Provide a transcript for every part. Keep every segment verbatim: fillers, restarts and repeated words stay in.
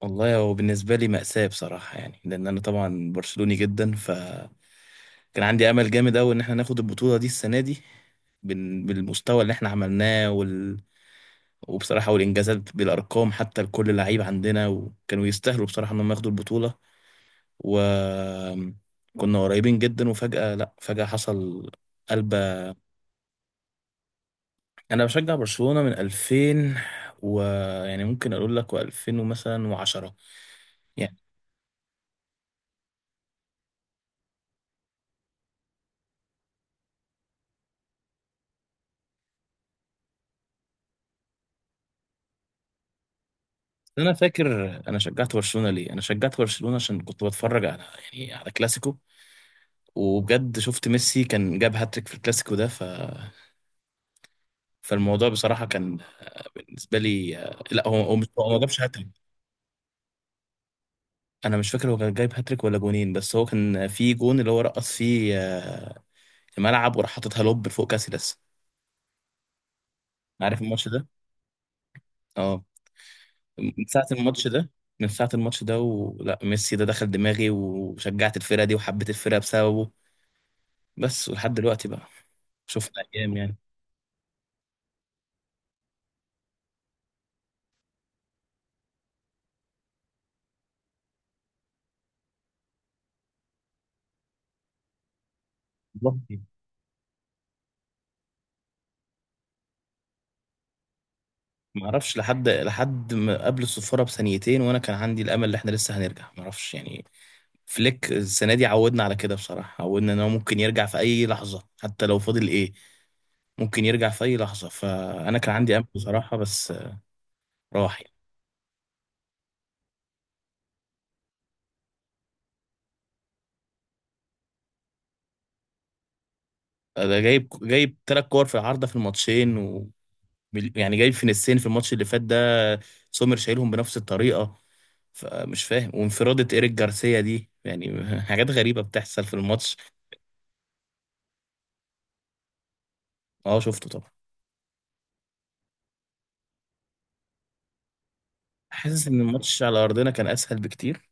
والله هو بالنسبة لي مأساة بصراحة يعني، لأن أنا طبعا برشلوني جدا. فكان عندي أمل جامد أوي إن إحنا ناخد البطولة دي السنة دي بال- بالمستوى اللي إحنا عملناه وال... وبصراحة، والإنجازات بالأرقام حتى لكل لعيب عندنا، وكانوا يستاهلوا بصراحة إنهم ياخدوا البطولة. وكنا قريبين جدا، وفجأة لأ، فجأة حصل قلبة. أنا بشجع برشلونة من ألفين و، يعني ممكن أقول لك و2000 ومثلا و10. انا فاكر، انا شجعت برشلونه ليه؟ انا شجعت برشلونه عشان كنت بتفرج على يعني على كلاسيكو، وبجد شفت ميسي كان جاب هاتريك في الكلاسيكو ده. ف... فالموضوع بصراحه كان بالنسبه لي، لا هو هو مش هو، ما جابش هاتريك. انا مش فاكر هو كان جايب هاتريك ولا جونين، بس هو كان في جون اللي هو رقص فيه آه، الملعب، وراح حاططها لوب فوق كاسيلاس. عارف الماتش ده؟ اه. من ساعه الماتش ده، من ساعه الماتش ده ولا ميسي ده دخل دماغي وشجعت الفرقه دي، وحبيت الفرقه بسببه. بس ولحد دلوقتي بقى، شفنا ايام يعني. بالظبط. ما اعرفش لحد، لحد ما قبل الصفاره بثانيتين وانا كان عندي الامل ان احنا لسه هنرجع، ما اعرفش يعني. فليك السنه دي عودنا على كده بصراحه، عودنا ان هو ممكن يرجع في اي لحظه حتى لو فاضل ايه، ممكن يرجع في اي لحظه. فانا كان عندي امل بصراحه، بس راح يعني. ده جايب جايب ثلاث كور في العارضه في الماتشين، و يعني جايب في نسين في الماتش اللي فات ده. سومر شايلهم بنفس الطريقه، فمش فاهم. وانفرادة ايريك جارسيا دي يعني حاجات غريبه بتحصل في الماتش. اه شفته طبعا. حاسس ان الماتش على ارضنا كان اسهل بكتير،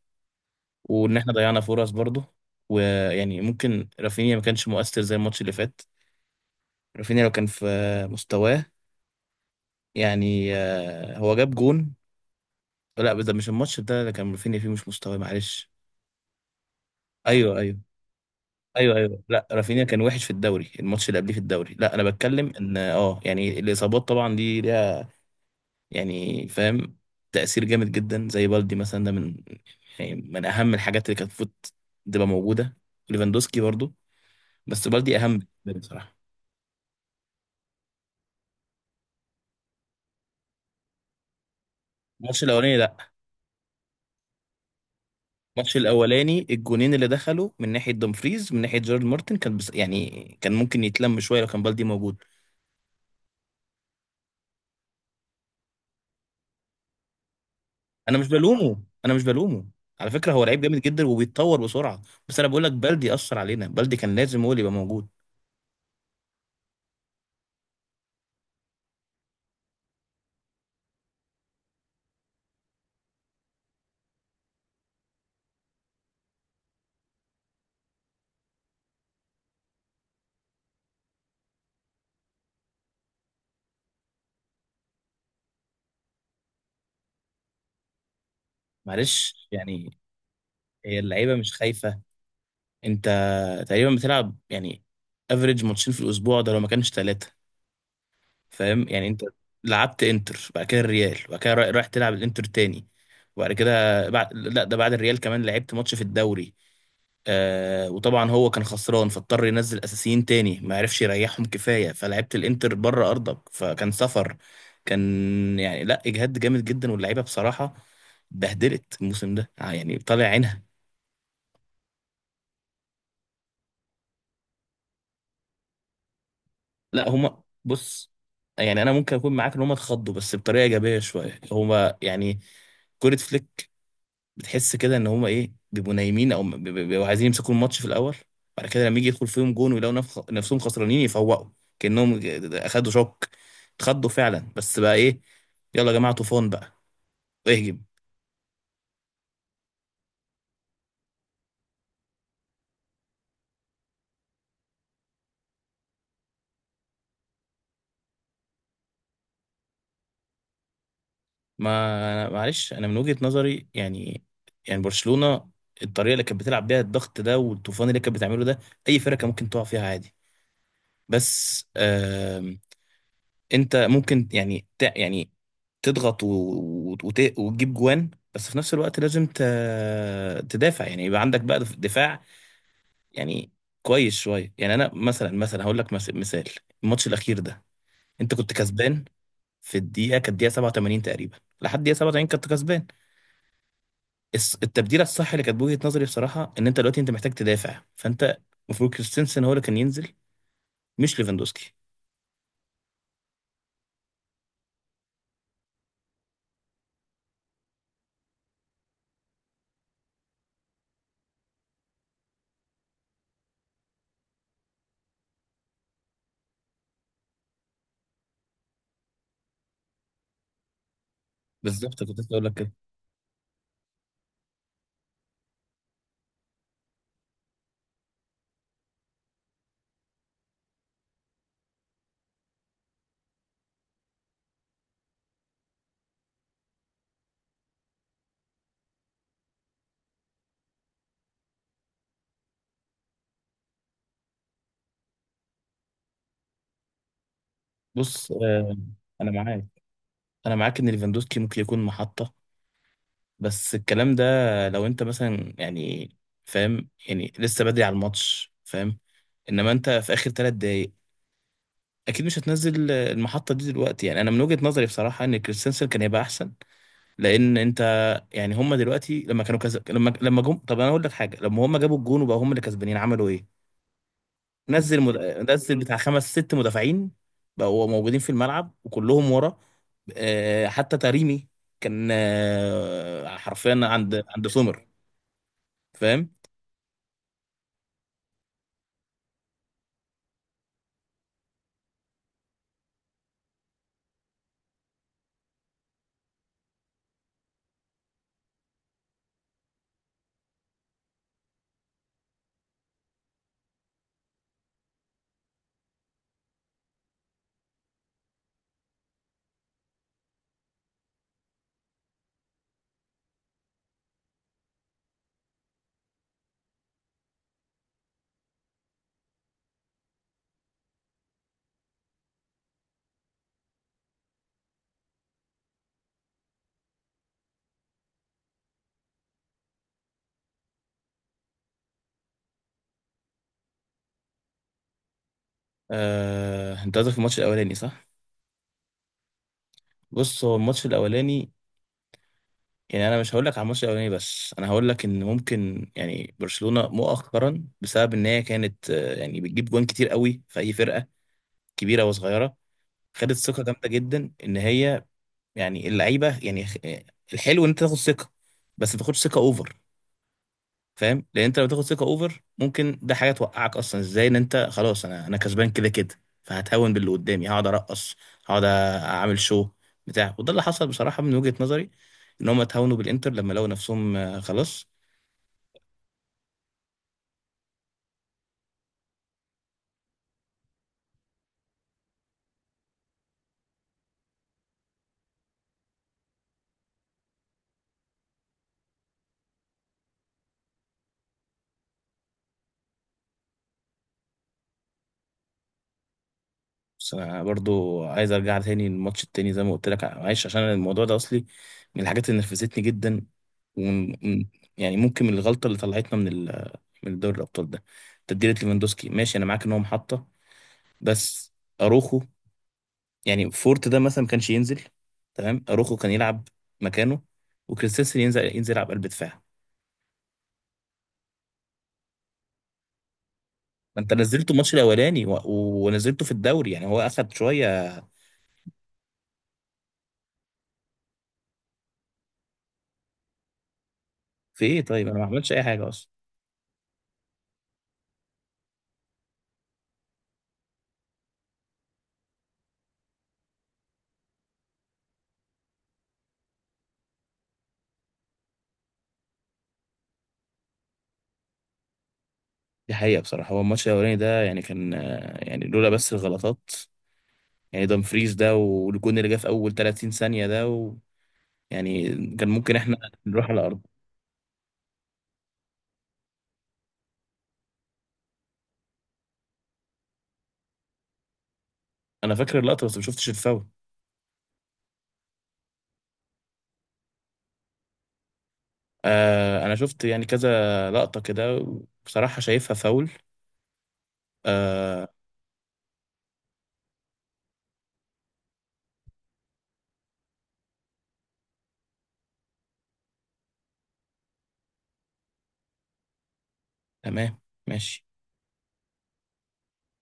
وان احنا ضيعنا فرص برضه. ويعني ممكن رافينيا ما كانش مؤثر زي الماتش اللي فات. رافينيا لو كان في مستواه، يعني آه، هو جاب جون. لا ده مش الماتش ده اللي كان رافينيا فيه مش مستواه، معلش. ايوه ايوه. ايوه ايوه. لا رافينيا كان وحش في الدوري، الماتش اللي قبليه في الدوري. لا انا بتكلم ان اه يعني الاصابات طبعا دي ليها، يعني فاهم، تأثير جامد جدا. زي بالدي مثلا، ده من يعني من أهم الحاجات اللي كانت المفروض تبقى موجودة. ليفاندوسكي برضو، بس بالدي أهم بالنسبة لي بصراحة. الماتش الأولاني لأ. الماتش الأولاني الجونين اللي دخلوا من ناحية دومفريز، من ناحية جيرارد مارتن كان بس يعني كان ممكن يتلم شوية لو كان بالدي موجود. أنا مش بلومه، أنا مش بلومه. على فكرة هو لعيب جامد جدا وبيتطور بسرعة. بس أنا بقول لك بالدي أثر علينا، بالدي كان لازم هو اللي يبقى موجود. معلش يعني. هي اللعيبة مش خايفة. انت تقريبا بتلعب يعني افريج ماتشين في الاسبوع ده لو ما كانش ثلاثه. فاهم يعني. انت لعبت انتر، بعد كده الريال، وبعد كده رايح رايح تلعب الانتر تاني. وبعد كده بعد، لا ده بعد الريال كمان لعبت ماتش في الدوري. آه، وطبعا هو كان خسران، فاضطر ينزل اساسيين تاني، ما عرفش يريحهم كفايه. فلعبت الانتر بره ارضك فكان سفر، كان يعني لا اجهاد جامد جدا. واللعيبه بصراحه بهدلت الموسم ده يعني، طالع عينها. لا هما بص، يعني انا ممكن اكون معاك ان هما اتخضوا، بس بطريقه ايجابيه شويه. هما يعني كوره فليك، بتحس كده ان هما ايه، بيبقوا نايمين او بي- بي- بيبقوا عايزين يمسكوا الماتش في الاول. بعد كده لما يجي يدخل فيهم جون ويلاقوا نفخ- نفسهم خسرانين، يفوقوا كانهم اخدوا شوك، اتخضوا فعلا. بس بقى ايه، يلا يا جماعه طوفان بقى، اهجم. ما معلش، انا من وجهه نظري يعني، يعني برشلونه الطريقه اللي كانت بتلعب بيها، الضغط ده والطوفان اللي كانت بتعمله ده، اي فرقه ممكن تقع فيها عادي. بس آم، انت ممكن يعني ت- يعني تضغط و- و- وت- وتجيب جوان، بس في نفس الوقت لازم ت- تدافع، يعني يبقى عندك بقى دف- دفاع يعني كويس شويه يعني. انا مثلا، مثلا هقول لك مس- مثال. الماتش الاخير ده، انت كنت كسبان في الدقيقه، كانت الدقيقه سبعة وثمانين تقريبا. لحد الدقيقه سبعة وثمانين كنت كسبان. الس- التبديله الصح اللي كانت بوجهه نظري بصراحه ان انت دلوقتي انت محتاج تدافع، فانت المفروض كريستنسن هو اللي كان ينزل، مش ليفاندوسكي. بالظبط كنت لسه اقول لك. بص آه، انا معاك، انا معاك ان ليفاندوسكي ممكن يكون محطة. بس الكلام ده لو انت مثلا يعني، فاهم يعني، لسه بدري على الماتش، فاهم. انما انت في اخر ثلاث دقايق، اكيد مش هتنزل المحطة دي دلوقتي. يعني انا من وجهة نظري بصراحة ان كريستنسن كان يبقى احسن. لان انت يعني هم دلوقتي لما كانوا كذا، لما لما جم، طب انا اقول لك حاجة، لما هم جابوا الجون وبقوا هم اللي كسبانين عملوا ايه؟ نزل مد... نزل بتاع خمس ست مدافعين، بقوا موجودين في الملعب وكلهم ورا. آه حتى تريمي كان آه حرفيا عند، عند سومر. فاهم. آه، انت قصدك في الماتش الاولاني صح؟ بص هو الماتش الاولاني، يعني انا مش هقول لك على الماتش الاولاني، بس انا هقول لك ان ممكن يعني برشلونة مؤخرا بسبب ان هي كانت آه يعني بتجيب جوان كتير قوي في اي فرقة كبيرة وصغيرة، خدت ثقة جامدة جدا ان هي يعني اللعيبه يعني خ- الحلو ان انت تاخد ثقه، بس ما تاخدش ثقه اوفر. فاهم، لان انت لو تاخد ثقه اوفر ممكن ده حاجه توقعك اصلا. ازاي؟ ان انت خلاص، انا انا كسبان كده كده، فهتهون باللي قدامي، هقعد ارقص، هقعد اعمل شو بتاع. وده اللي حصل بصراحه من وجهه نظري، ان هم اتهونوا بالانتر لما لقوا نفسهم آه، خلاص. بس انا برضو عايز ارجع تاني للماتش التاني زي ما قلت لك، معلش عشان الموضوع ده اصلي من الحاجات اللي نرفزتني جدا، ومن- يعني ممكن من الغلطه اللي طلعتنا من ال، من دوري الابطال ده، تبديلة ليفاندوسكي. ماشي انا معاك ان هو محطة، بس اروخو يعني فورت ده مثلا ما كانش ينزل، تمام. اروخو كان يلعب مكانه، وكريستنسن ينزل ينزل يلعب قلب دفاع. ما انت نزلته الماتش الاولاني و... و- ونزلته في الدوري، يعني هو اخد شوية. في ايه؟ طيب انا ما عملتش اي حاجة اصلا. دي حقيقة بصراحة. هو الماتش الاولاني ده يعني كان آه، يعني لولا بس الغلطات، يعني دامفريز ده والجون اللي جه في اول ثلاثين ثانية ده و... يعني كان ممكن احنا نروح على الارض. انا فاكر اللقطة بس ما شفتش الفاول. آه انا شفت يعني كذا لقطة كده، بصراحة شايفها فاول. آه. تمام، ماشي.